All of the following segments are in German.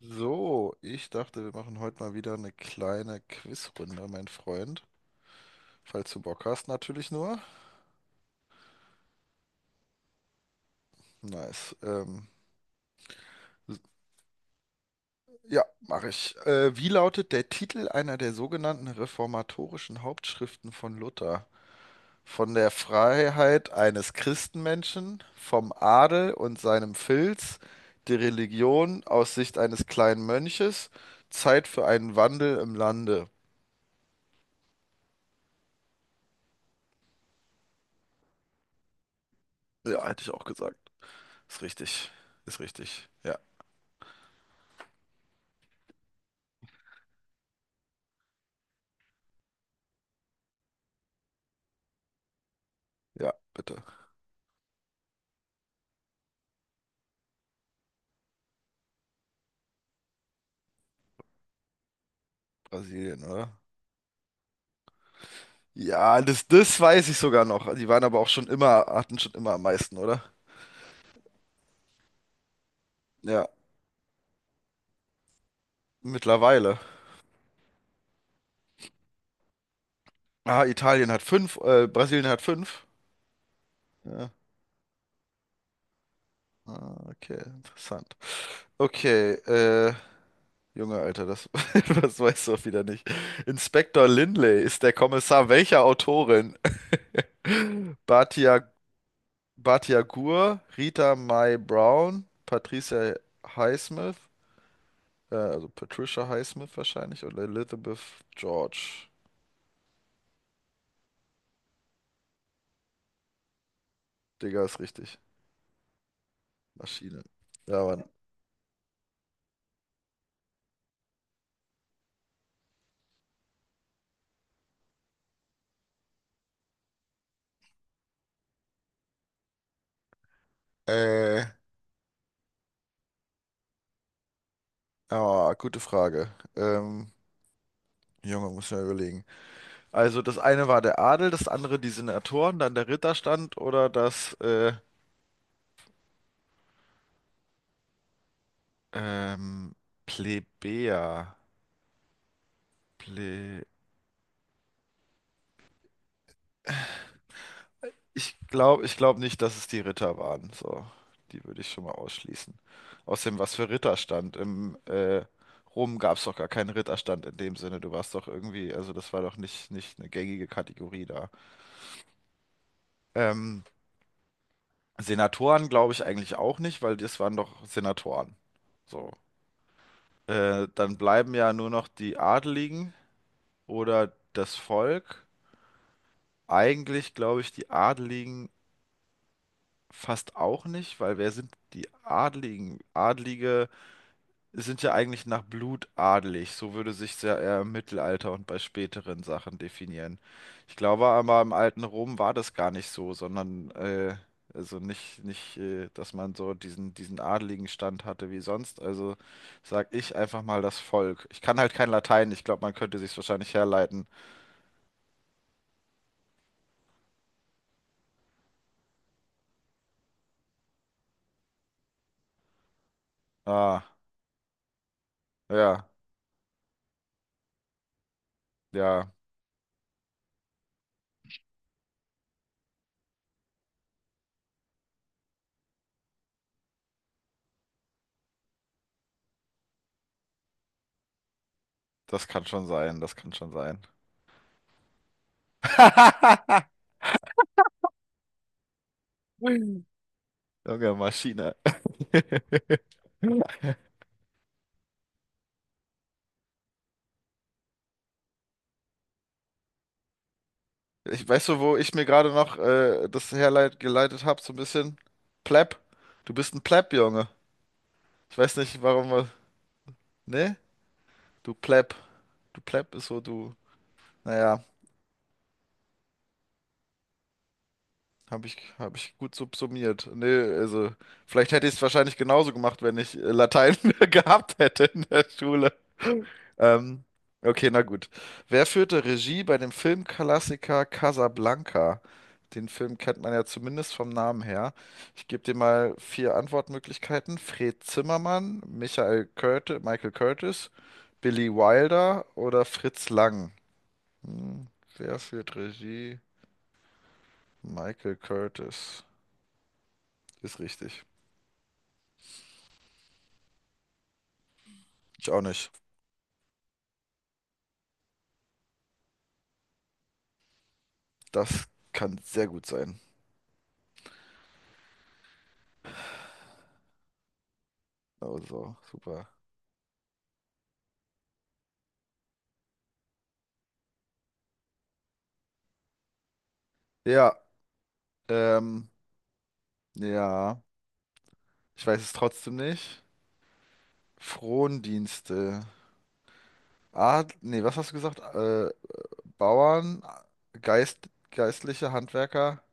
So, ich dachte, wir machen heute mal wieder eine kleine Quizrunde, mein Freund. Falls du Bock hast, natürlich nur. Nice. S- ja, mache ich. Wie lautet der Titel einer der sogenannten reformatorischen Hauptschriften von Luther? Von der Freiheit eines Christenmenschen, vom Adel und seinem Filz, die Religion aus Sicht eines kleinen Mönches, Zeit für einen Wandel im Lande. Ja, hätte ich auch gesagt. Ist richtig. Ist richtig. Ja. Ja, bitte. Brasilien, oder? Ja, das weiß ich sogar noch. Die waren aber auch schon immer, hatten schon immer am meisten, oder? Ja, mittlerweile. Ah, Italien hat fünf, Brasilien hat fünf. Ja. Ah, okay, interessant. Okay, Junge, Alter, das, das weißt du auch wieder nicht. Inspektor Lindley ist der Kommissar welcher Autorin? Batia, Batia Gur, Rita Mae Brown, Patricia Highsmith. Ja, also Patricia Highsmith wahrscheinlich oder Elizabeth George. Digga, ist richtig. Maschine. Ja, Mann. Äh, oh, gute Frage. Ähm, Junge, muss ich mal überlegen. Also das eine war der Adel, das andere die Senatoren, dann der Ritterstand oder das ähm, Plebejer. Ich glaube nicht, dass es die Ritter waren. So, die würde ich schon mal ausschließen. Außerdem, was für Ritterstand? Im Rom gab es doch gar keinen Ritterstand in dem Sinne. Du warst doch irgendwie, also das war doch nicht eine gängige Kategorie da. Ähm, Senatoren glaube ich eigentlich auch nicht, weil das waren doch Senatoren. So. Dann bleiben ja nur noch die Adeligen oder das Volk. Eigentlich glaube ich die Adeligen fast auch nicht, weil wer sind die Adeligen? Adelige sind ja eigentlich nach Blut adelig. So würde sich ja eher im Mittelalter und bei späteren Sachen definieren. Ich glaube aber im alten Rom war das gar nicht so, sondern also nicht, nicht, dass man so diesen adeligen Stand hatte wie sonst. Also sag ich einfach mal das Volk. Ich kann halt kein Latein, ich glaube, man könnte sich wahrscheinlich herleiten. Ah, ja, ja, das kann schon sein, das kann schon sein. Junge Maschine. Ich weiß so, wo ich mir gerade noch das herleit geleitet habe, so ein bisschen? Pleb. Du bist ein Pleb, Junge. Ich weiß nicht, warum ne? Du Pleb. Du Pleb ist so, du. Naja, hab ich gut summiert. Ne, also, vielleicht hätte ich es wahrscheinlich genauso gemacht, wenn ich Latein gehabt hätte in der Schule. Ähm, okay, na gut. Wer führte Regie bei dem Filmklassiker Casablanca? Den Film kennt man ja zumindest vom Namen her. Ich gebe dir mal vier Antwortmöglichkeiten. Fred Zimmermann, Michael Curtis, Billy Wilder oder Fritz Lang. Hm, wer führt Regie? Michael Curtis. Ist richtig. Ich auch nicht. Das kann sehr gut sein. Also, super. Ja, ähm, ja. Ich weiß es trotzdem nicht. Frondienste. Ah, nee, was hast du gesagt? Bauern, geistliche, Handwerker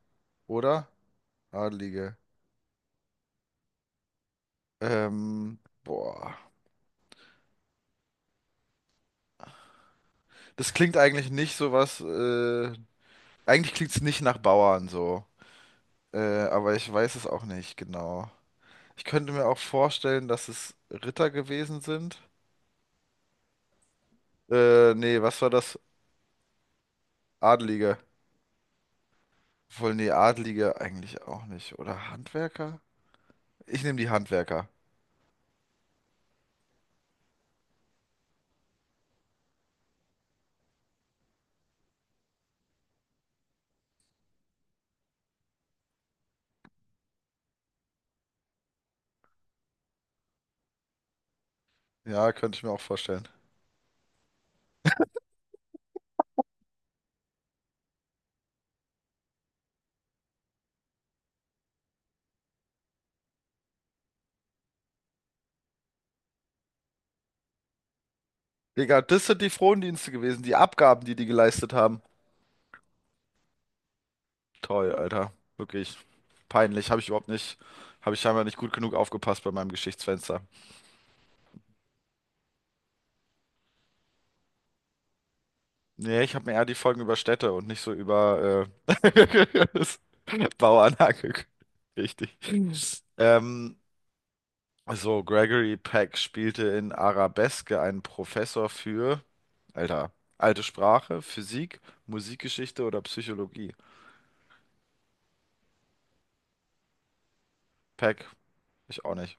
oder Adlige. Boah. Das klingt eigentlich nicht so was, eigentlich klingt's nicht nach Bauern so. Äh, aber ich weiß es auch nicht genau. Ich könnte mir auch vorstellen, dass es Ritter gewesen sind. Nee, was war das? Adlige. Wohl, nee, Adlige eigentlich auch nicht. Oder Handwerker? Ich nehme die Handwerker. Ja, könnte ich mir auch vorstellen. Digga, das sind die Frondienste gewesen, die Abgaben, die die geleistet haben. Toll, Alter. Wirklich peinlich. Habe ich scheinbar nicht gut genug aufgepasst bei meinem Geschichtsfenster. Nee, ich habe mir eher die Folgen über Städte und nicht so über das Bauern angeguckt. Richtig. Ähm, so, Gregory Peck spielte in Arabeske einen Professor für, Alter, alte Sprache, Physik, Musikgeschichte oder Psychologie. Peck, ich auch nicht.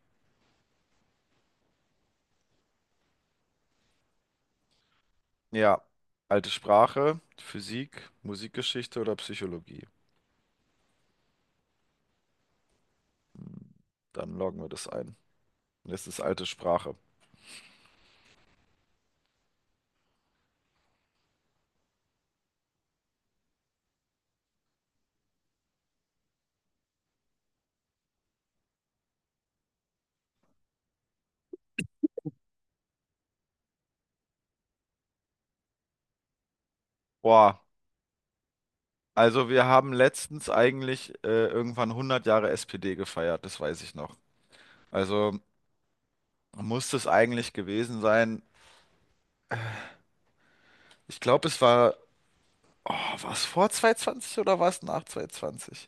Ja, alte Sprache, Physik, Musikgeschichte oder Psychologie. Dann loggen wir das ein. Und das ist alte Sprache. Boah, also wir haben letztens eigentlich irgendwann 100 Jahre SPD gefeiert, das weiß ich noch. Also muss das eigentlich gewesen sein. Ich glaube, es war, oh, war es vor 220 oder war es nach 220?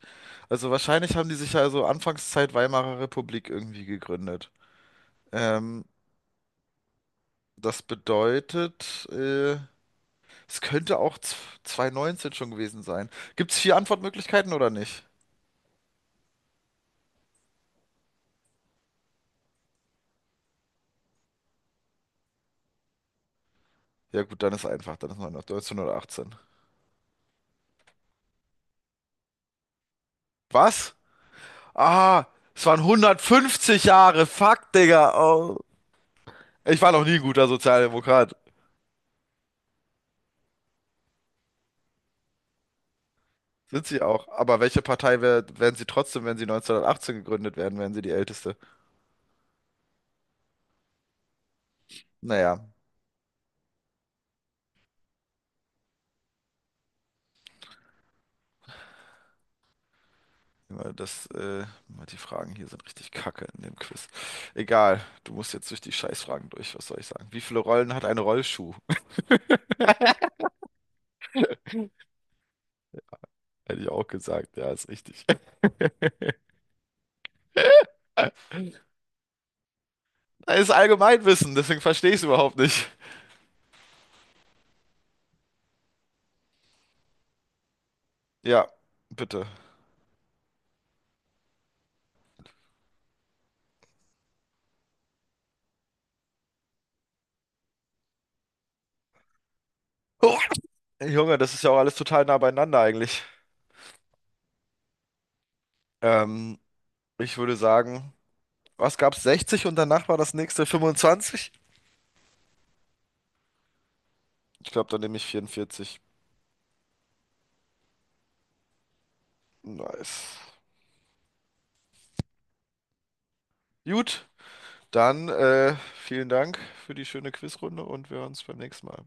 Also wahrscheinlich haben die sich ja so Anfangszeit Weimarer Republik irgendwie gegründet. Ähm, das bedeutet, Es könnte auch z- 2019 schon gewesen sein. Gibt es vier Antwortmöglichkeiten oder nicht? Ja gut, dann ist einfach. Dann ist 1918. Was? Ah, es waren 150 Jahre. Fuck, Digga. Oh. Ich war noch nie ein guter Sozialdemokrat. Sind sie auch. Aber welche Partei wären sie trotzdem, wenn sie 1918 gegründet werden, wären sie die älteste? Naja, immer das, die Fragen hier sind richtig kacke in dem Quiz. Egal, du musst jetzt durch die Scheißfragen durch, was soll ich sagen? Wie viele Rollen hat ein Rollschuh? Hätte ich auch gesagt, ja, ist richtig. Das ist Allgemeinwissen, deswegen verstehe ich es überhaupt nicht. Ja, bitte. Oh, Junge, das ist ja auch alles total nah beieinander eigentlich. Ähm, ich würde sagen, was gab's 60 und danach war das nächste 25? Ich glaube, dann nehme ich 44. Nice. Gut, dann vielen Dank für die schöne Quizrunde und wir hören uns beim nächsten Mal.